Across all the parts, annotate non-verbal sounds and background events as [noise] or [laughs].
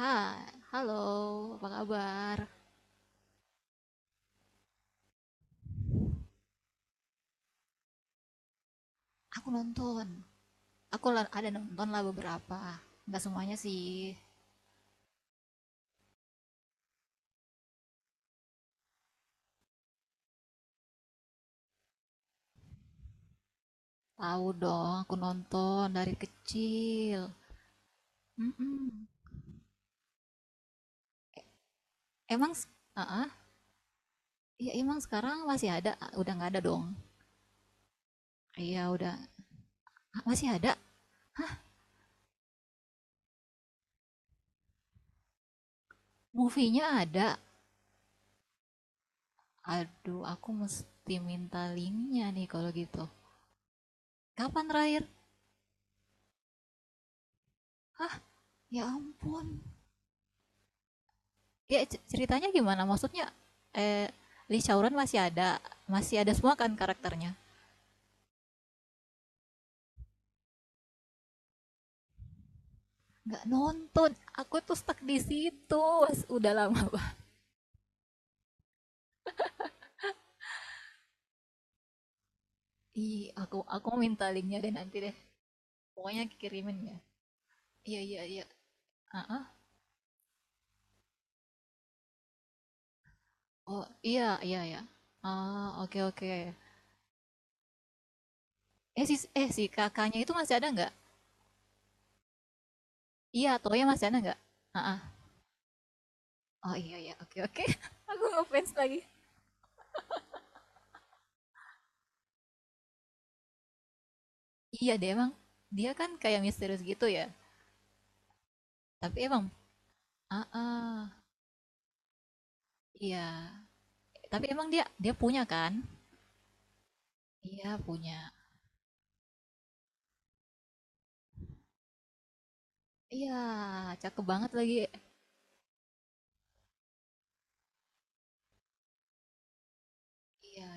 Hai, halo, apa kabar? Aku nonton, ada nonton lah beberapa, nggak semuanya sih. Tahu dong, aku nonton dari kecil. Mm-mm. Emang, ah, ah. Iya, emang sekarang masih ada? Udah nggak ada dong? Iya, udah. Masih ada. Movie-nya ada. Aduh, aku mesti minta linknya nih kalau gitu. Kapan terakhir? Hah, ya ampun. Ya, ceritanya gimana? Maksudnya eh Lee Chowron masih ada semua kan karakternya? Nggak nonton, aku tuh stuck di situ. Udah lama banget. Ih, aku minta linknya deh nanti deh. Pokoknya kirimin ya. Iya, iya, iya. Ah, ah. Oh, iya, iya, iya. Ah, oke, oke. Eh si si kakaknya itu masih ada nggak? Iya, Toya masih ada nggak? Ah, ah. Oh, iya, iya, oke, oke. [laughs] Aku ngefans lagi. Iya deh, emang dia kan kayak misterius gitu ya. Tapi emang ah ah. Iya, tapi emang dia dia punya kan? Iya, punya. Iya, cakep banget lagi. Iya.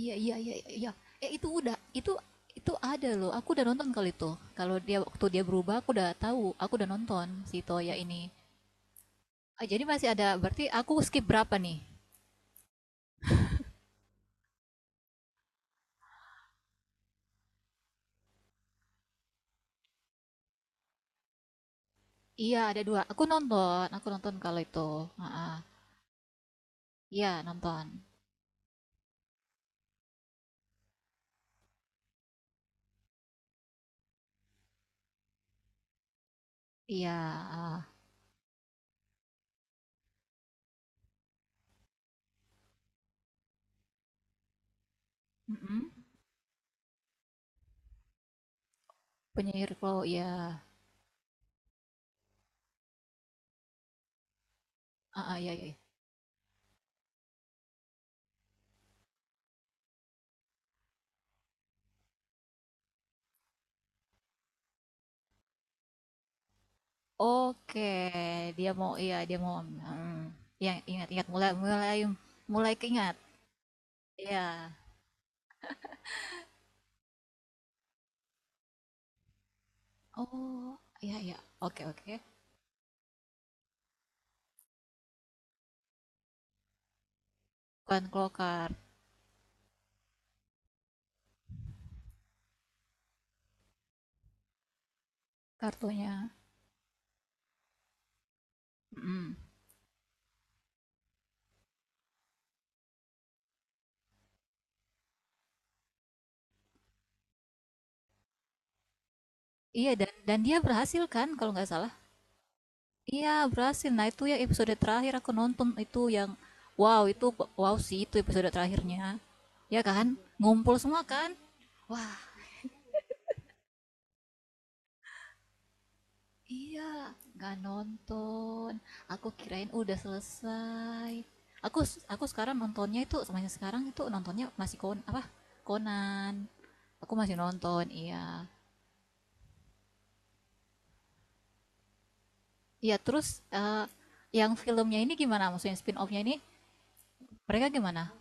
Iya, iya, iya, iya. Eh itu udah itu itu ada loh. Aku udah nonton kali itu. Kalau dia waktu dia berubah aku udah tahu, aku udah nonton si Toya ini. Ah, jadi masih ada berarti aku skip berapa nih? Iya, ada dua. Aku nonton kalau itu. Heeh. Iya, nonton. Iya, ah. Mm-mm. Penyihir Claw, iya. Iya, iya. Oke, dia mau, iya, dia mau, mhm, iya, ingat-ingat, mulai mulai mulai keingat, iya. Oh, iya, iya, oke, oke. Bukan Clocard kartunya, mhm. Iya, dan dia berhasil kan kalau nggak salah? Iya, berhasil. Nah, itu ya episode terakhir aku nonton itu yang wow, itu wow sih itu episode terakhirnya, ya kan? Ngumpul semua kan? Wah. Iya, nggak nonton. Aku kirain udah selesai. Aku aku sekarang nontonnya itu semuanya sekarang itu nontonnya masih apa? Conan. Aku masih nonton, iya. Iya, terus eh, yang filmnya ini gimana? Maksudnya spin-off-nya ini mereka gimana?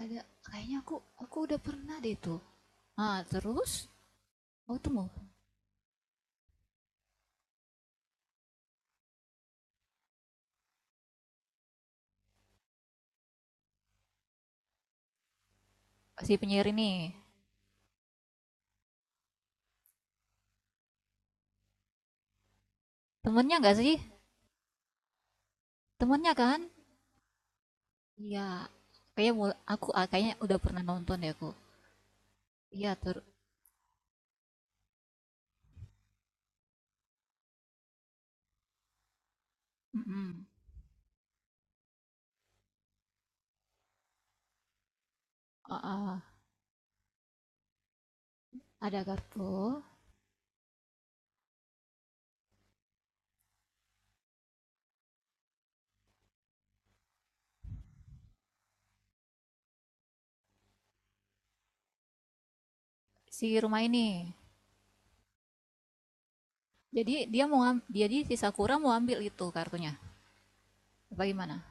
Ada, kayaknya aku udah pernah deh itu. Ah, terus oh tuh mau si penyiar ini. Temennya nggak sih? Temennya kan? Iya. Kayaknya udah pernah nonton deh aku. Iya. Mhm, heeh. Ada kartu si rumah ini. Jadi si Sakura mau ambil itu kartunya. Bagaimana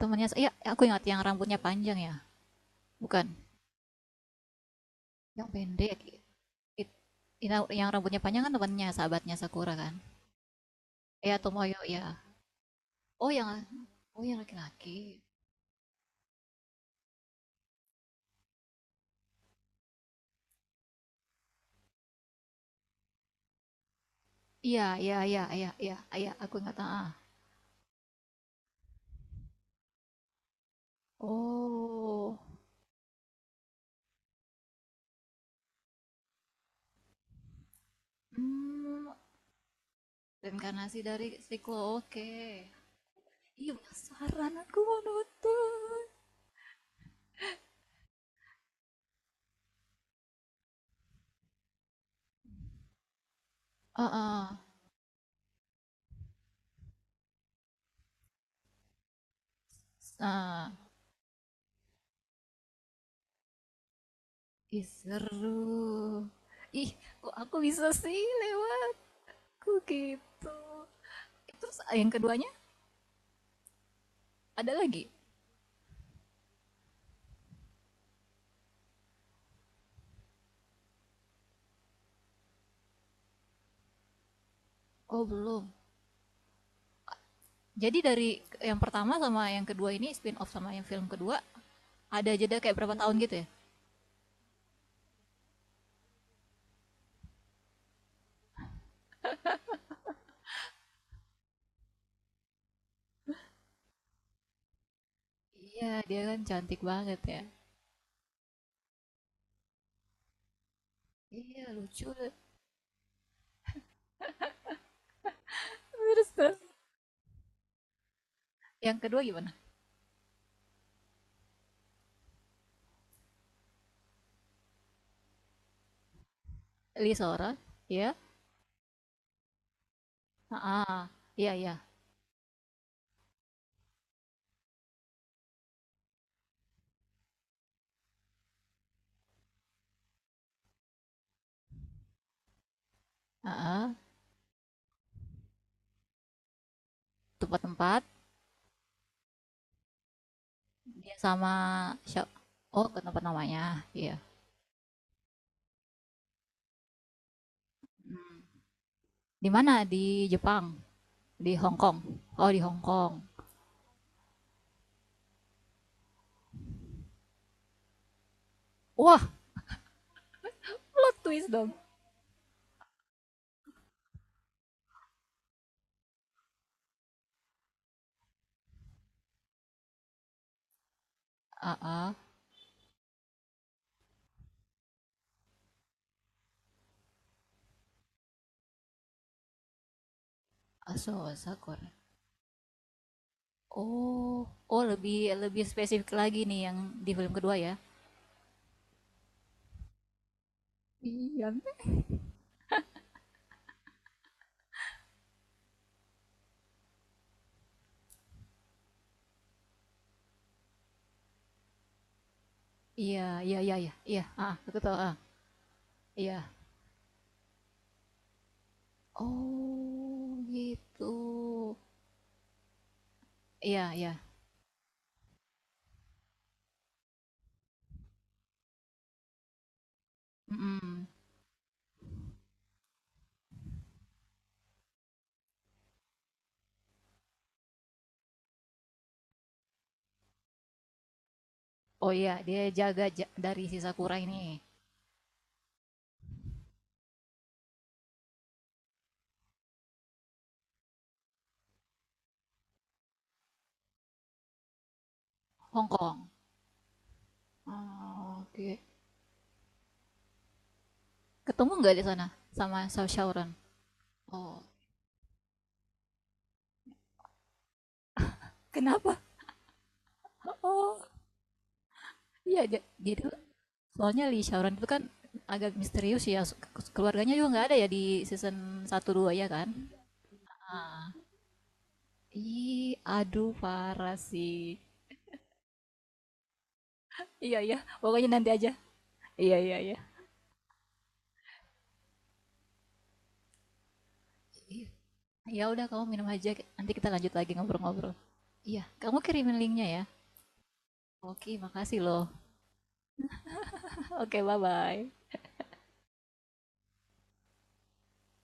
temannya? Iya, aku ingat yang rambutnya panjang ya? Bukan, yang pendek. It ina yang rambutnya panjang kan temannya sahabatnya Sakura kan? Iya, Tomoyo, ya. Oh yang oh, yang laki-laki. Iya, iya, iya, iya, iya, iya, aku ingat, heeh. Oh, hmm. Reinkarnasi dari siklo. Oke. Iya, penasaran aku mau nonton. Heeh. Nah. Ih, seru. Ih, kok aku bisa sih lewatku gitu. Terus yang keduanya ada lagi? Oh, belum. Jadi dari yang pertama sama yang kedua ini spin off sama yang film kedua ada jeda kayak berapa tahun gitu ya? Iya, dia kan cantik banget ya. Iya, lucu. Terus terus yang kedua gimana? Lisora? Seorang, ya. Iya, iya. Heeh, tempat-tempat. Dia sama sya oh ke tempat namanya, iya. Mhm. Di mana? Di Jepang, di Hong Kong. Oh, di Hong Kong. Wah. [laughs] Twist dong. Heeh. Aso Sakura. Oh, oh lebih lebih spesifik lagi nih yang di film kedua ya? Iya. Iya, iya, iya, iya, iya, heeh, aku tahu, ah iya. Oh, gitu. Iya, iya, mhm. Oh iya, dia jaga dari si Sakura ini. Hong Kong. Oh, oke. Ketemu nggak di sana sama Shaoran? Oh, kenapa? Oh, iya, jadi soalnya Lee Shaoran itu kan agak misterius ya, keluarganya juga nggak ada ya di season satu 2 ya kan. Ih, aduh, parah sih. Iya, iya, pokoknya nanti aja. Iya, iya, iya. Ya udah, kamu minum aja, nanti kita lanjut lagi ngobrol-ngobrol. Iya, kamu kirimin linknya ya. Oke, makasih loh. [laughs] Oke, bye bye.